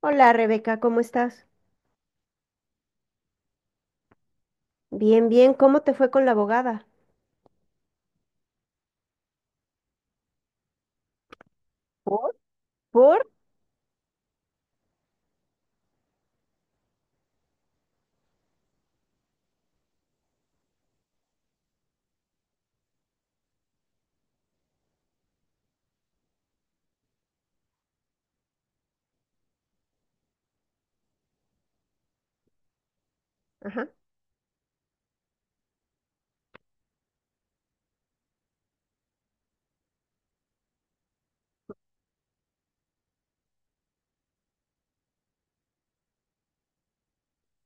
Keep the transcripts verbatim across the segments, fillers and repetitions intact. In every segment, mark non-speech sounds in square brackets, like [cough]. Hola Rebeca, ¿cómo estás? Bien, bien, ¿cómo te fue con la abogada? ¿Por? ¿Por? Ajá,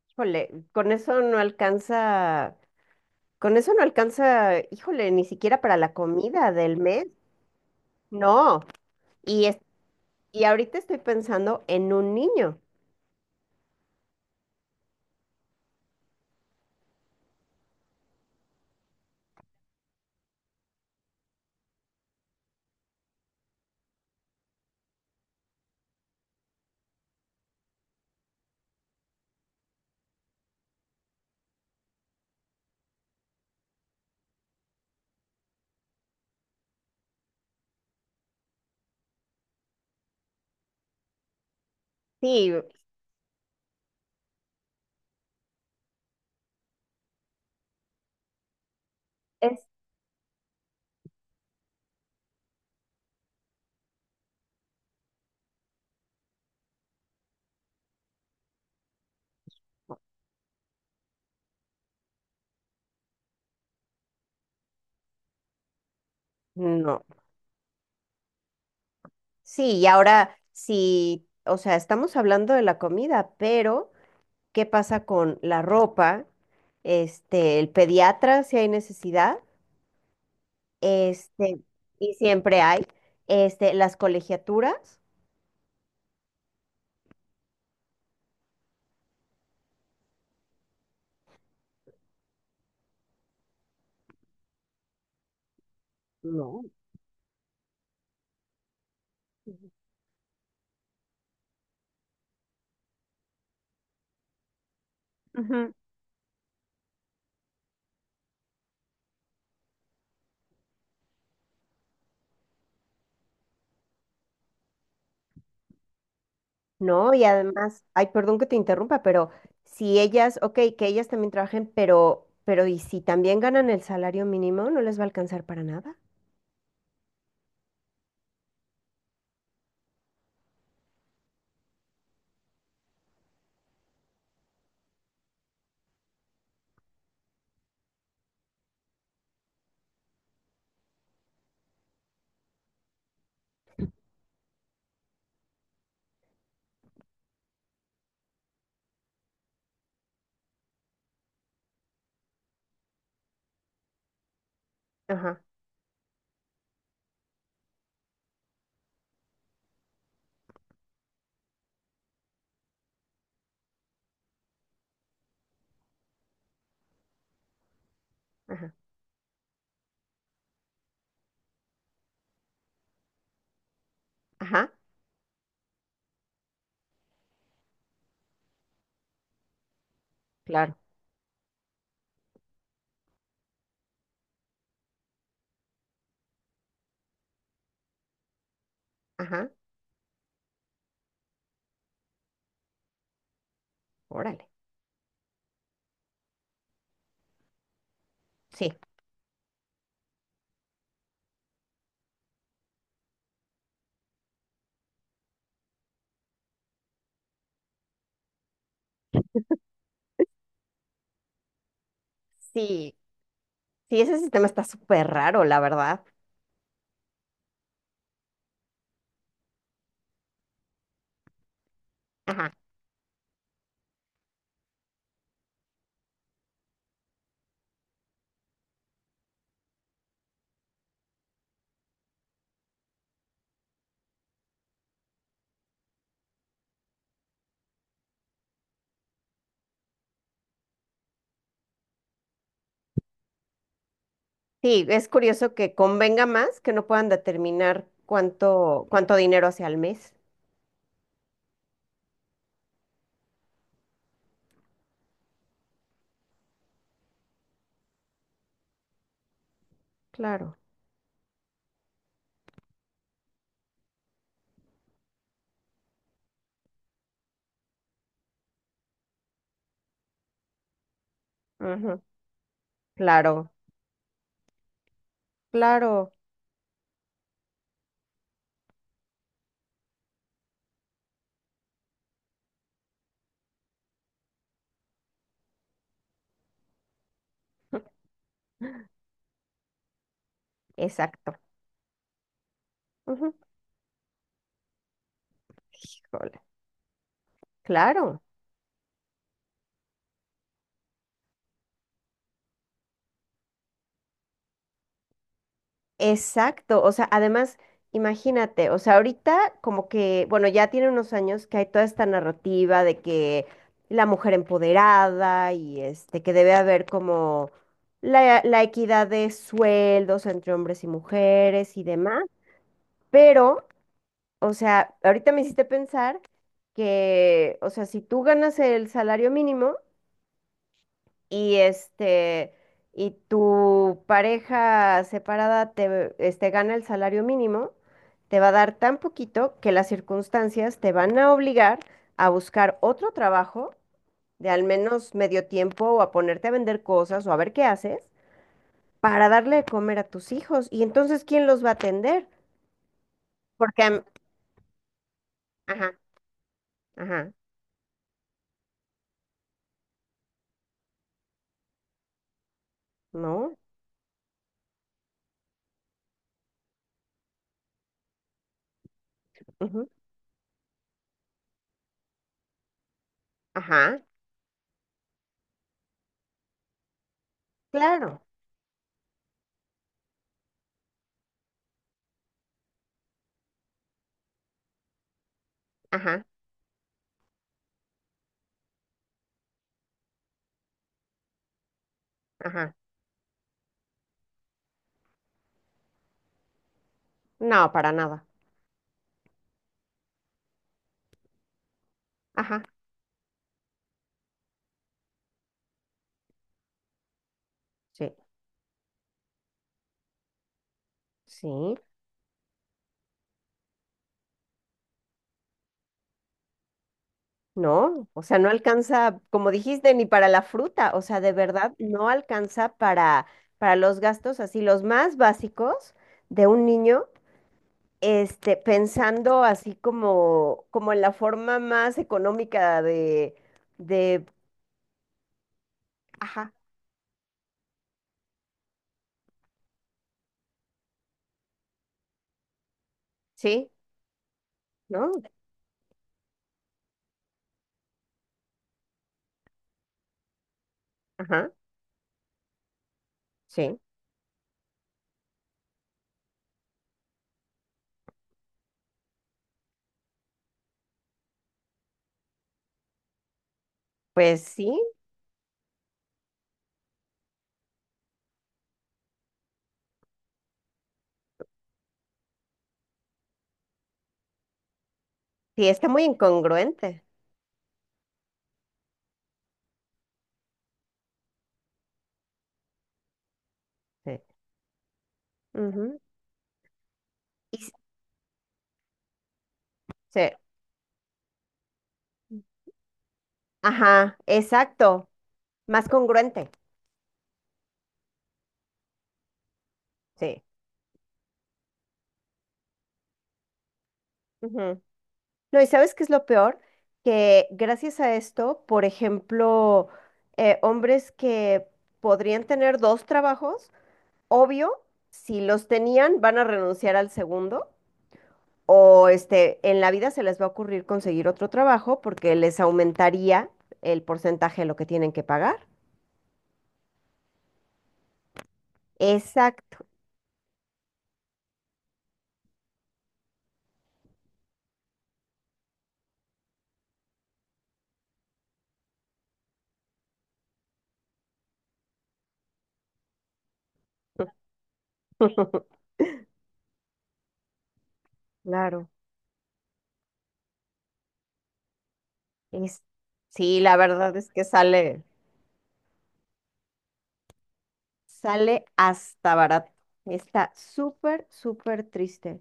híjole, con eso no alcanza, con eso no alcanza, híjole, ni siquiera para la comida del mes. No, y, es- y ahorita estoy pensando en un niño. Sí, es, no, sí, y ahora sí, o sea, estamos hablando de la comida, pero ¿qué pasa con la ropa? Este, el pediatra, si hay necesidad. Este, y siempre hay, este, las colegiaturas. No. Ujú. No, y además, ay, perdón que te interrumpa, pero si ellas, ok, que ellas también trabajen, pero, pero ¿y si también ganan el salario mínimo, no les va a alcanzar para nada? Ajá, ajá, ajá, claro, ajá, órale. Sí, sí, sí, ese sistema está súper raro, la verdad. Ajá. Sí, es curioso que convenga más que no puedan determinar cuánto, cuánto dinero hacia al mes. Claro. Ujú, claro, claro, exacto. Ujú, híjole, claro, exacto. O sea, además, imagínate, o sea, ahorita como que, bueno, ya tiene unos años que hay toda esta narrativa de que la mujer empoderada y este, que debe haber como la, la equidad de sueldos entre hombres y mujeres y demás. Pero, o sea, ahorita me hiciste pensar que, o sea, si tú ganas el salario mínimo y este y tu pareja separada te este, gana el salario mínimo, te va a dar tan poquito que las circunstancias te van a obligar a buscar otro trabajo de al menos medio tiempo o a ponerte a vender cosas o a ver qué haces para darle de comer a tus hijos. Y entonces, ¿quién los va a atender? Porque, am- ajá, ajá, no, ujú, ajá, claro, ajá, ajá, no, para nada, ajá, sí, sí. No, o sea, no alcanza, como dijiste, ni para la fruta, o sea, de verdad no alcanza para, para los gastos así, los más básicos de un niño, este, pensando así como, como en la forma más económica de, de, ajá, sí, ¿no? Ajá, sí. Pues sí, sí, está muy incongruente. Sí. Ujú. Y s- sí. Ajá, exacto, más congruente, sí. No, ¿y sabes qué es lo peor? Que gracias a esto, por ejemplo, eh, hombres que podrían tener dos trabajos, obvio, si los tenían, van a renunciar al segundo, o este, en la vida se les va a ocurrir conseguir otro trabajo porque les aumentaría el porcentaje de lo que tienen que pagar. Exacto. [laughs] Claro. Es, sí, la verdad es que sale, sale hasta barato. Está súper, súper triste.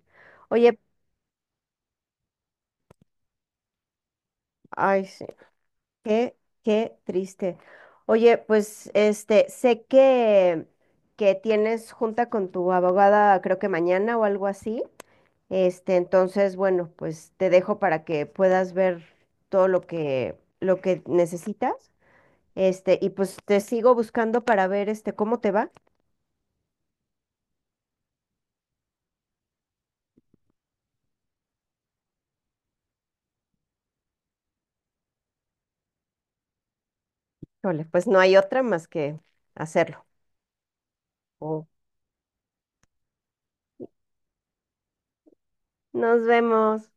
Oye, ay, sí. Qué, qué triste. Oye, pues este, sé que, que tienes junta con tu abogada, creo que mañana o algo así. Este, entonces, bueno, pues te dejo para que puedas ver todo lo que, lo que necesitas. Este, y pues te sigo buscando para ver este cómo te va. Híjole, pues no hay otra más que hacerlo. Oh. Nos vemos.